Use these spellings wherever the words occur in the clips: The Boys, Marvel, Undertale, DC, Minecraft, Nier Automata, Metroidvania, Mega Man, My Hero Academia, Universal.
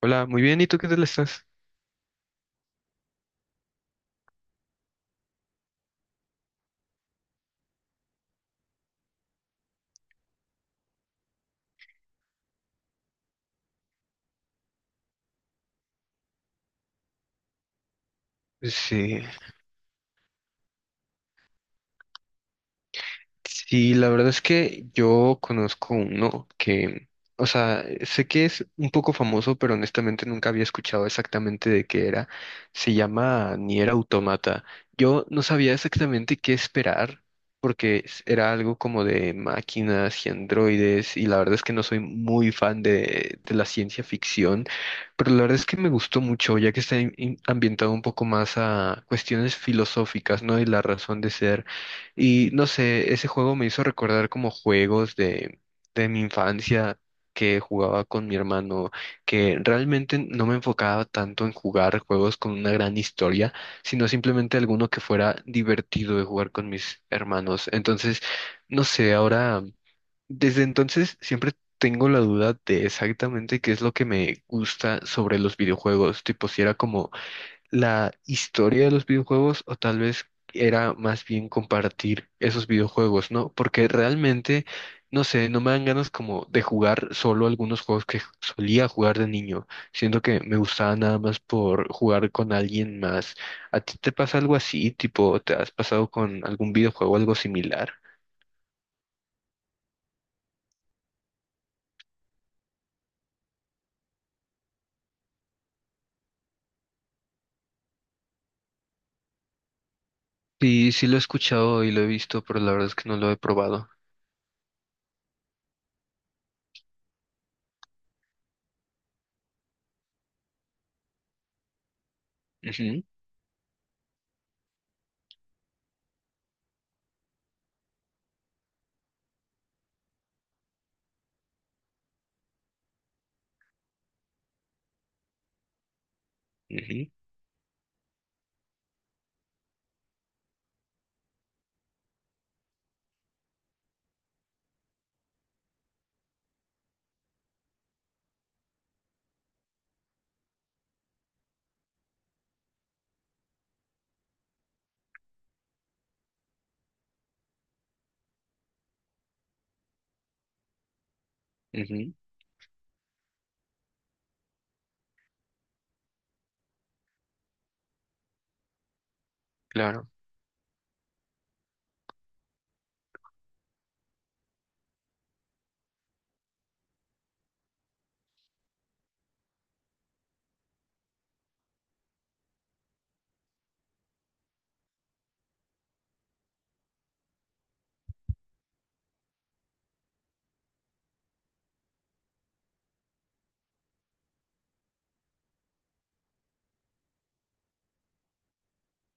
Hola, muy bien, ¿y tú qué tal estás? Sí. Sí, la verdad es que yo conozco uno que, o sea, sé que es un poco famoso, pero honestamente nunca había escuchado exactamente de qué era. Se llama Nier Automata. Yo no sabía exactamente qué esperar, porque era algo como de máquinas y androides, y la verdad es que no soy muy fan de la ciencia ficción, pero la verdad es que me gustó mucho, ya que está ambientado un poco más a cuestiones filosóficas, ¿no? Y la razón de ser. Y no sé, ese juego me hizo recordar como juegos de mi infancia que jugaba con mi hermano, que realmente no me enfocaba tanto en jugar juegos con una gran historia, sino simplemente alguno que fuera divertido de jugar con mis hermanos. Entonces, no sé, ahora, desde entonces siempre tengo la duda de exactamente qué es lo que me gusta sobre los videojuegos, tipo si era como la historia de los videojuegos o tal vez era más bien compartir esos videojuegos, ¿no? Porque realmente, no sé, no me dan ganas como de jugar solo algunos juegos que solía jugar de niño. Siento que me gustaba nada más por jugar con alguien más. ¿A ti te pasa algo así? Tipo, ¿te has pasado con algún videojuego algo similar? Sí, sí lo he escuchado y lo he visto, pero la verdad es que no lo he probado. Ujú, ujú, ujú, claro.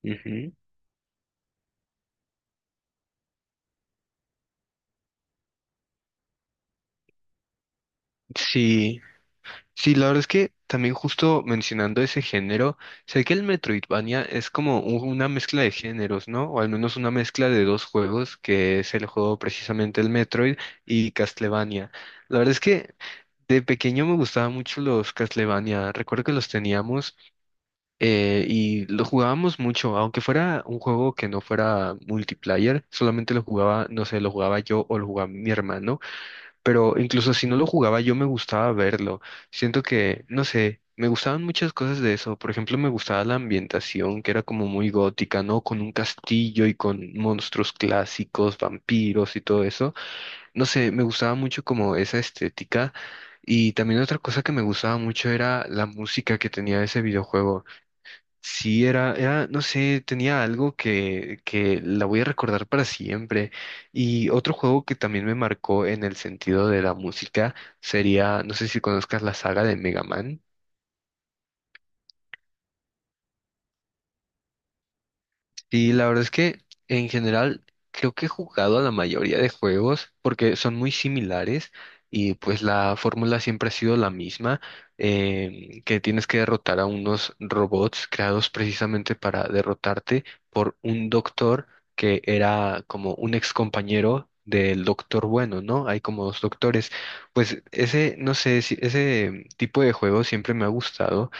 Ujú. Sí. Sí, la verdad es que también justo mencionando ese género, sé que el Metroidvania es como una mezcla de géneros, ¿no? O al menos una mezcla de dos juegos, que es el juego precisamente el Metroid y Castlevania. La verdad es que de pequeño me gustaban mucho los Castlevania, recuerdo que los teníamos y lo jugábamos mucho, aunque fuera un juego que no fuera multiplayer, solamente lo jugaba, no sé, lo jugaba yo o lo jugaba mi hermano, pero incluso si no lo jugaba, yo me gustaba verlo. Siento que, no sé, me gustaban muchas cosas de eso. Por ejemplo, me gustaba la ambientación, que era como muy gótica, ¿no? Con un castillo y con monstruos clásicos, vampiros y todo eso. No sé, me gustaba mucho como esa estética. Y también otra cosa que me gustaba mucho era la música que tenía ese videojuego. Sí, era, era, no sé, tenía algo que la voy a recordar para siempre. Y otro juego que también me marcó en el sentido de la música sería, no sé si conozcas la saga de Mega Man. Y la verdad es que en general creo que he jugado a la mayoría de juegos porque son muy similares y pues la fórmula siempre ha sido la misma, que tienes que derrotar a unos robots creados precisamente para derrotarte por un doctor que era como un ex compañero del doctor bueno, ¿no? Hay como dos doctores. Pues ese, no sé, ese tipo de juego siempre me ha gustado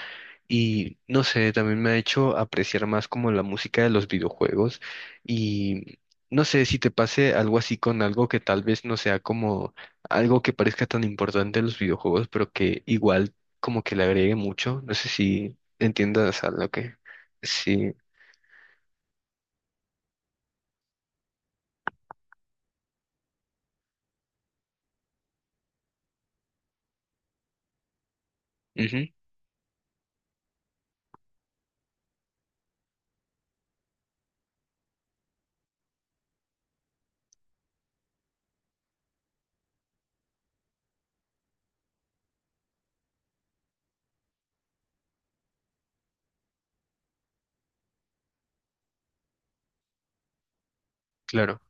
y no sé, también me ha hecho apreciar más como la música de los videojuegos y no sé si te pase algo así con algo que tal vez no sea como algo que parezca tan importante en los videojuegos, pero que igual como que le agregue mucho. No sé si entiendas a lo que... Sí, ujú, claro,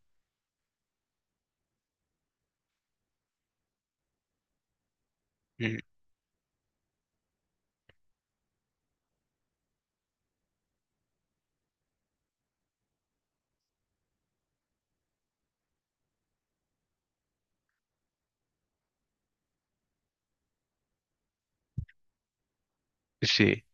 mm, sí,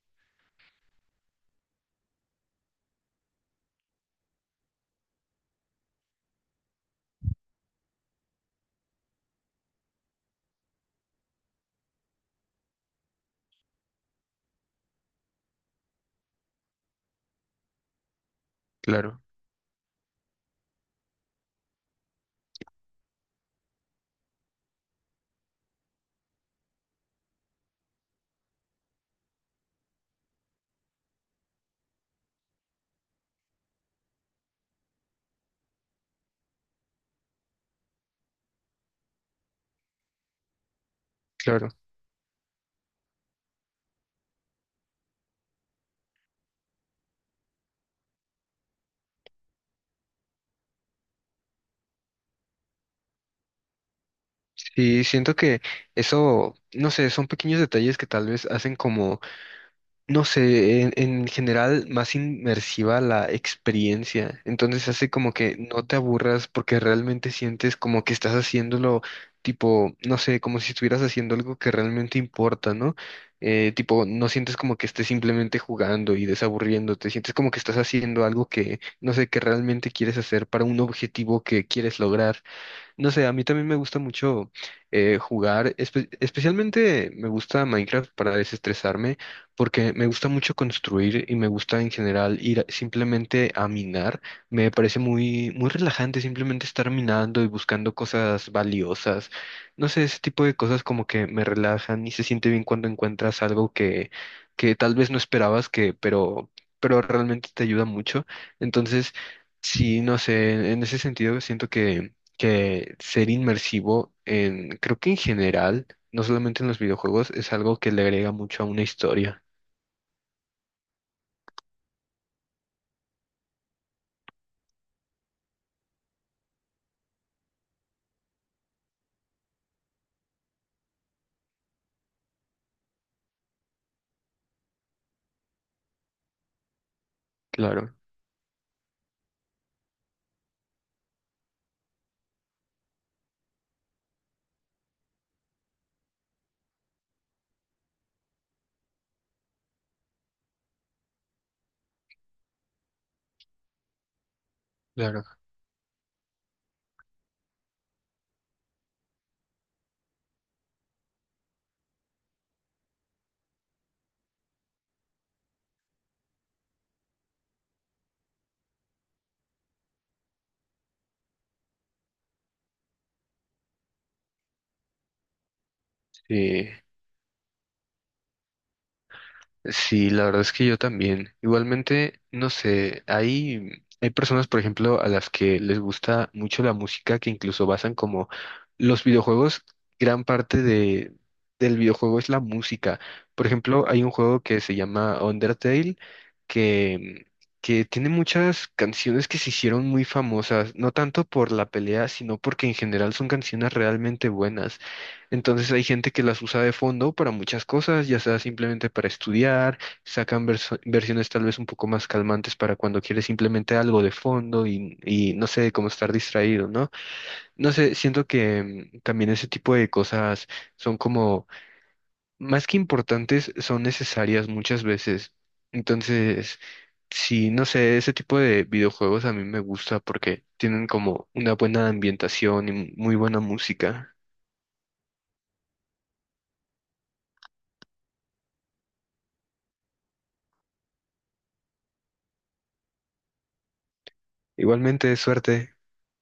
claro, claro. Sí, siento que eso, no sé, son pequeños detalles que tal vez hacen como no sé, en general más inmersiva la experiencia. Entonces hace como que no te aburras porque realmente sientes como que estás haciéndolo, tipo, no sé, como si estuvieras haciendo algo que realmente importa, ¿no? Tipo, no sientes como que estés simplemente jugando y desaburriéndote, sientes como que estás haciendo algo que, no sé, que realmente quieres hacer para un objetivo que quieres lograr. No sé, a mí también me gusta mucho jugar, especialmente me gusta Minecraft para desestresarme, porque me gusta mucho construir y me gusta en general simplemente a minar. Me parece muy, muy relajante simplemente estar minando y buscando cosas valiosas. No sé, ese tipo de cosas como que me relajan y se siente bien cuando encuentras algo que tal vez no esperabas que, pero realmente te ayuda mucho. Entonces, sí, no sé, en ese sentido siento que ser inmersivo en, creo que en general, no solamente en los videojuegos, es algo que le agrega mucho a una historia. Claro, claro. Sí. Sí, la verdad es que yo también. Igualmente, no sé, hay personas, por ejemplo, a las que les gusta mucho la música, que incluso basan como los videojuegos, gran parte del videojuego es la música. Por ejemplo, hay un juego que se llama Undertale, que, que tiene muchas canciones que se hicieron muy famosas, no tanto por la pelea, sino porque en general son canciones realmente buenas. Entonces hay gente que las usa de fondo para muchas cosas, ya sea simplemente para estudiar, sacan versiones tal vez un poco más calmantes para cuando quieres simplemente algo de fondo y no sé, cómo estar distraído, ¿no? No sé, siento que también ese tipo de cosas son como, más que importantes, son necesarias muchas veces. Entonces, sí, no sé, ese tipo de videojuegos a mí me gusta porque tienen como una buena ambientación y muy buena música. Igualmente, suerte.